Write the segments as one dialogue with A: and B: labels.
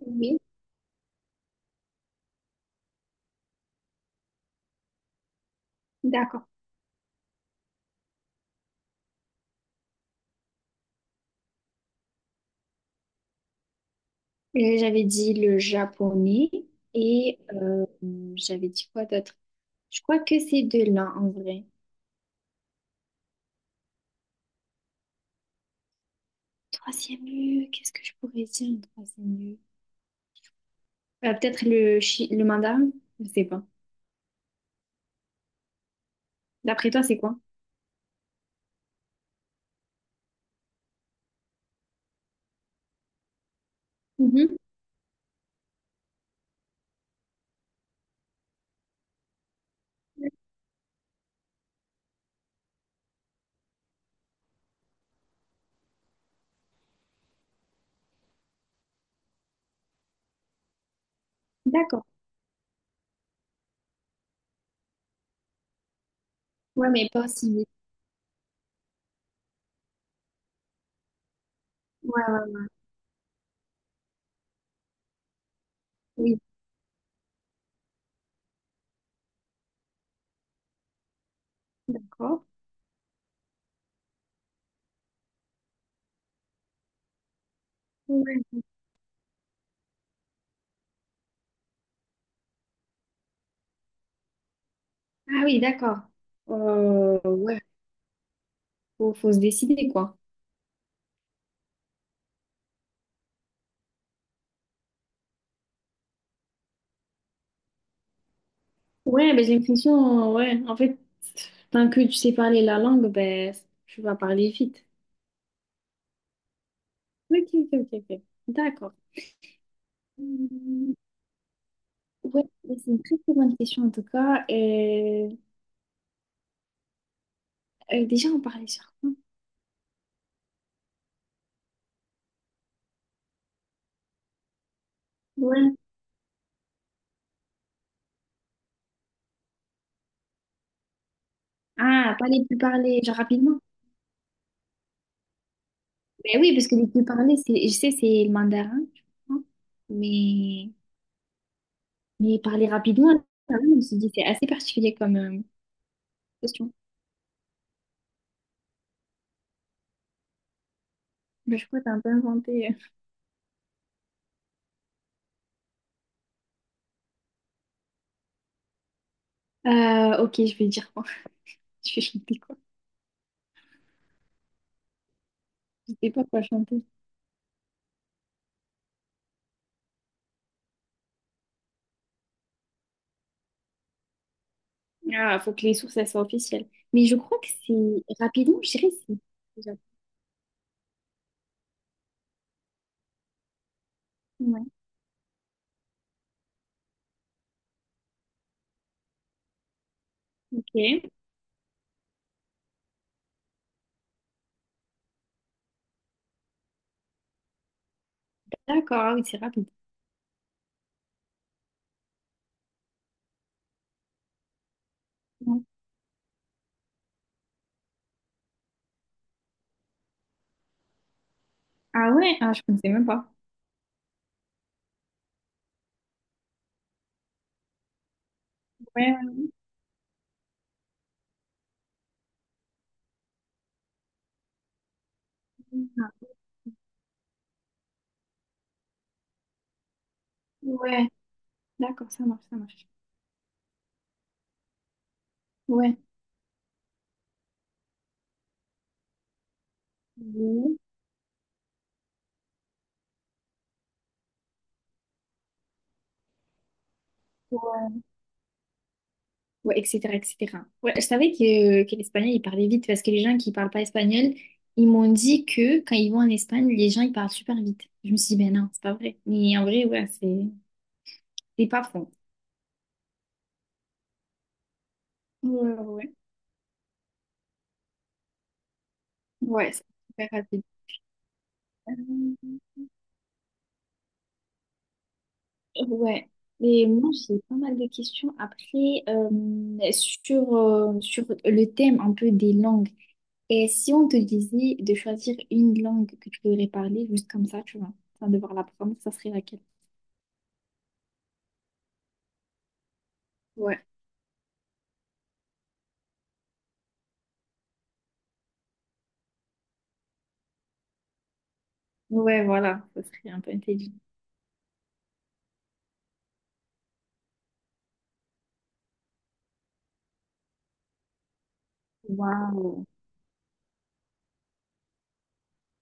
A: Oui, d'accord. Et j'avais dit le japonais et j'avais dit quoi d'autre? Je crois que c'est deux-là en vrai. Troisième lieu, qu'est-ce que je pourrais dire en troisième lieu? Peut-être le, le mandarin? Je sais pas. D'après toi, c'est quoi? Mhm. D'accord. Ouais, mais pas aussi vite. Ouais, ouais, oui, d'accord. Ouais. Ah oui, d'accord. Euh, ouais, faut, faut se décider, quoi. Ouais, ben, j'ai l'impression, ouais, en fait, tant que tu sais parler la langue, ben, tu vas parler vite. Ok, ok, ok, ok. D'accord. Hum. Ouais, ben, c'est une très très bonne question en tout cas. Déjà, on parlait sur quoi? Ouais. Ah, pas les plus parlés, genre rapidement. Ben oui, parce que les plus parlés, c'est, je sais, c'est le mandarin, je crois. Mais, mais parler rapidement, là, je me suis dit, c'est assez particulier comme question. Mais je crois que t'as un peu inventé. Ok, je vais dire quoi? Je vais chanter quoi? Je sais pas quoi chanter. Ah, faut que les sources, elles soient officielles. Mais je crois que c'est rapidement, je dirais c'est. Déjà. Ouais, ok. D'accord, ah oui, c'est rapide. Ouais. Ah ouais, ah, je connaissais même pas. Ouais, ouais, ouais. Ouais, d'accord, ça marche, ça marche. Ouais. Ouais, ouais, etc., etc. Ouais, je savais que l'espagnol, il parlait vite parce que les gens qui parlent pas espagnol, ils m'ont dit que quand ils vont en Espagne, les gens, ils parlent super vite. Je me suis dit, ben non, c'est pas vrai. Mais en vrai, ouais, c'est pas faux. Ouais, ouais, ouais. Ouais, c'est super rapide. Euh, Ouais. Et moi, j'ai pas mal de questions. Après, sur, sur le thème un peu des langues. Et si on te disait de choisir une langue que tu voudrais parler, juste comme ça, tu vois, sans devoir l'apprendre, ça serait laquelle? Ouais. Ouais, voilà, ça serait un peu intelligent. Waouh.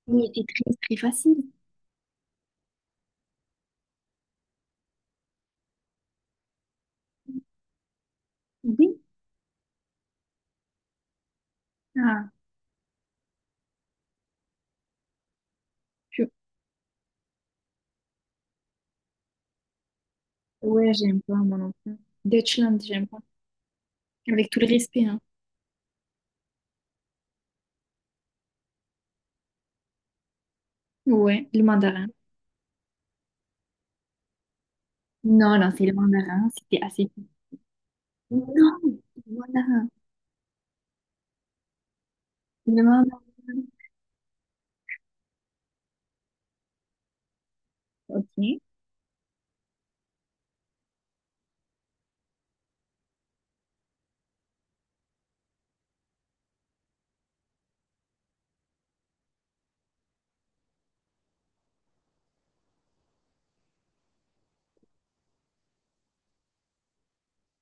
A: Oui, c'est très, très facile. Oui. Ah, je- ouais, j'aime pas, mon enfant. Deutschland, j'aime pas. Avec tout le respect, hein. Ouais, le mandarin. Non, non, c'est le mandarin. C'était assez. Non, voilà. Non, non. Non. Ok.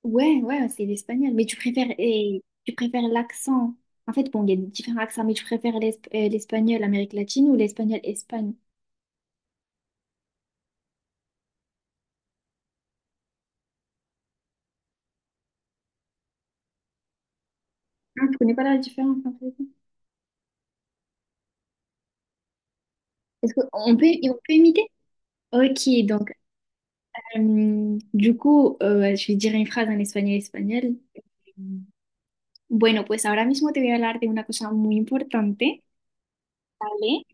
A: Ouais, ouais, c'est l'espagnol. Mais tu préfères, et, tu préfères l'accent. En fait, bon, il y a différents accents, mais tu préfères l'espagnol Amérique latine ou l'espagnol Espagne? Ah, tu connais pas la différence en fait. Est-ce qu'on peut, on peut imiter? Ok, donc, du coup, je vais dire une phrase en espagnol espagnol. Bueno, pues ahora mismo te voy a hablar de una cosa muy importante, ¿vale?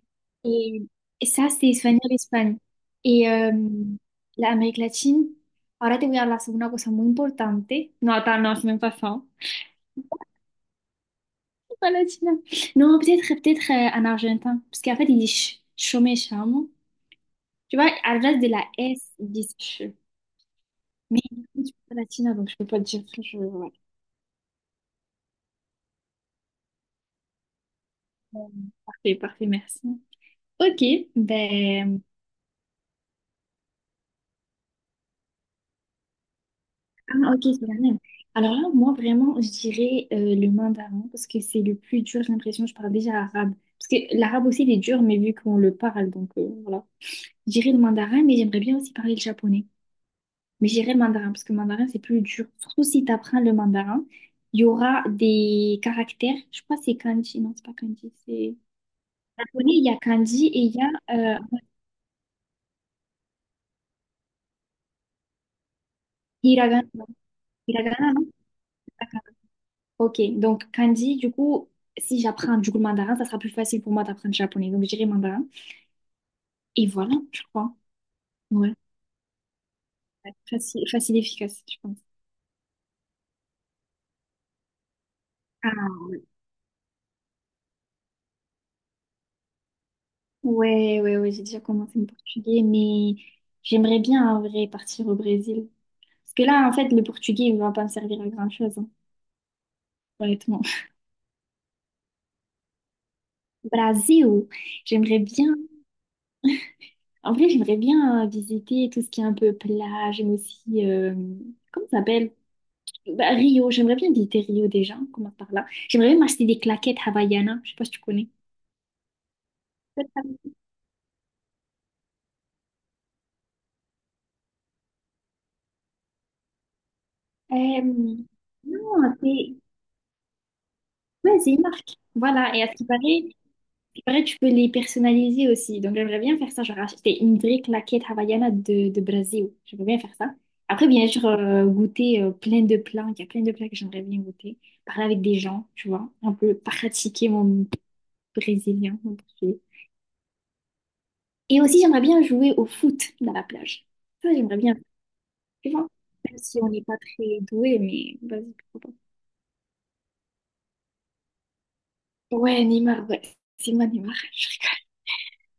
A: Et, et ça, c'était Espagnol, España. Y em, la América Latina, ahora te voy a hablar sobre una cosa muy importante. No, attends, non, c'est même pas fin. Pas la Chine. Non, peut-être peut-être en argentin. Parce qu'en fait, ils disent ch chômé charmant. Tu vois, à la place de la S, ils disent ch. Mais je suis pas latina, donc je peux pas te dire. Je... ouais. Euh, Parfait, parfait, merci. Ok, ben. Ah, ok, c'est la même. Alors là, moi, vraiment, je dirais le mandarin parce que c'est le plus dur, j'ai l'impression. Je parle déjà arabe. Parce que l'arabe aussi, il est dur, mais vu qu'on le parle, donc voilà. Je dirais le mandarin, mais j'aimerais bien aussi parler le japonais. Mais je dirais le mandarin parce que le mandarin, c'est plus dur. Surtout si tu apprends le mandarin, il y aura des caractères. Je crois que c'est kanji. Non, c'est pas kanji. C'est japonais, il y a kanji et il y a hiragana. Hiragana, non? Ok, donc Kandi, du coup, si j'apprends du coup le mandarin, ça sera plus facile pour moi d'apprendre le japonais. Donc je dirais mandarin. Et voilà, je crois. Ouais, facile, facile et efficace, je pense. Ah, ouais, ouais, ouais, j'ai déjà commencé le portugais, mais j'aimerais bien en vrai partir au Brésil. Parce que là, en fait, le portugais, il va pas me servir à grand-chose, hein, honnêtement. Brésil, j'aimerais bien. En vrai, j'aimerais bien visiter tout ce qui est un peu plage, mais aussi, comment ça s'appelle? Bah, Rio, j'aimerais bien visiter Rio déjà, on commence par là. J'aimerais bien m'acheter des claquettes Havaianas, je sais pas si tu connais. Euh, non, c'est ouais, c'est une marque. Voilà, et à ce qui paraît, à ce qui paraît, tu peux les personnaliser aussi. Donc j'aimerais bien faire ça, genre acheter une vraie claquette Havaiana de Brésil. J'aimerais bien faire ça. Après, bien sûr, goûter plein de plats. Il y a plein de plats que j'aimerais bien goûter. Parler avec des gens, tu vois, un peu pratiquer mon brésilien, mon portugais. Et aussi, j'aimerais bien jouer au foot dans la plage. Ça, j'aimerais bien. Tu vois, même si on n'est pas très doué, mais vas-y, pourquoi pas. Ouais, Neymar, ouais. C'est moi, Neymar.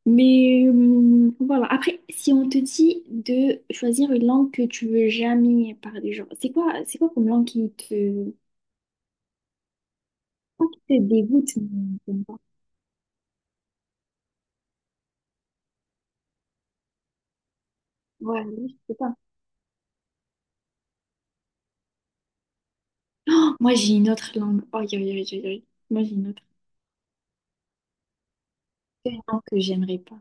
A: Mais voilà, après, si on te dit de choisir une langue que tu veux jamais parler, genre, c'est quoi comme langue qui te, pas qui te dégoûte, mais t'aimes pas? Ouais, je sais pas. Oh, moi, j'ai une autre langue. Oh, aïe, aïe, aïe, aïe, aïe. Moi, j'ai une autre. C'est une langue que j'aimerais pas.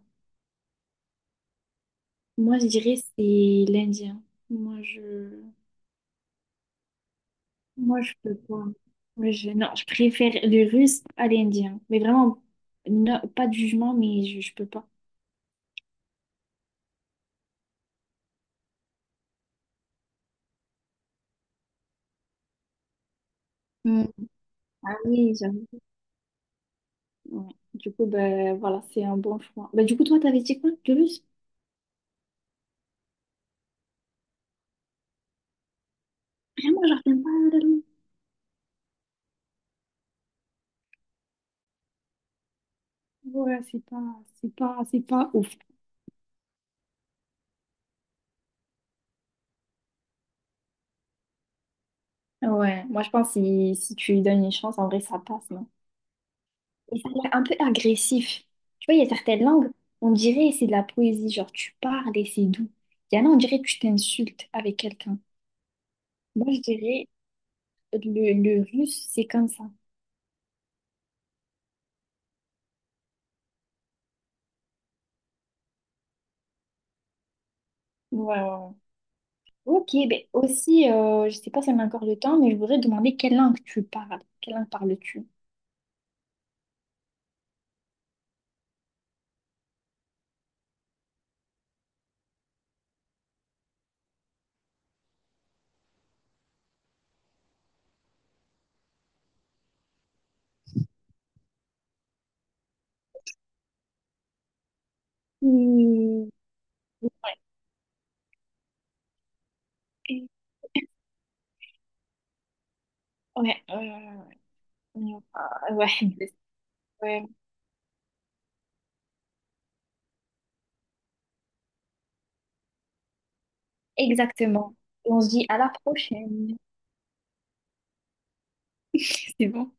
A: Moi, je dirais c'est l'indien. Moi, je... Moi, je peux pas. Moi, je... Non, je préfère le russe à l'indien. Mais vraiment, pas de jugement, mais je peux pas. Hmm. Ah oui, j'avoue. Ouais. Du coup, ben voilà, c'est un bon choix. Ben, du coup, toi, t'avais dit quoi, le russe? Vraiment, je retiens pas l'allemand. Ouais, c'est pas, c'est pas ouf. Ouais, moi, je pense que si, si tu lui donnes une chance, en vrai, ça passe, non? Et ça a l'air un peu agressif. Tu vois, il y a certaines langues, on dirait c'est de la poésie, genre tu parles et c'est doux. Il y en a, on dirait que tu t'insultes avec quelqu'un. Moi, je dirais le russe, c'est comme ça. Ouais, ouais, ouais. Ok, ben aussi, je sais pas si on a encore le temps, mais je voudrais demander quelle langue tu parles. Quelle langue parles-tu? Hmm. Ouais, ouais, ouais, ouais, ouais. Ah, ouais, ouais, exactement. On se dit à la prochaine. C'est bon.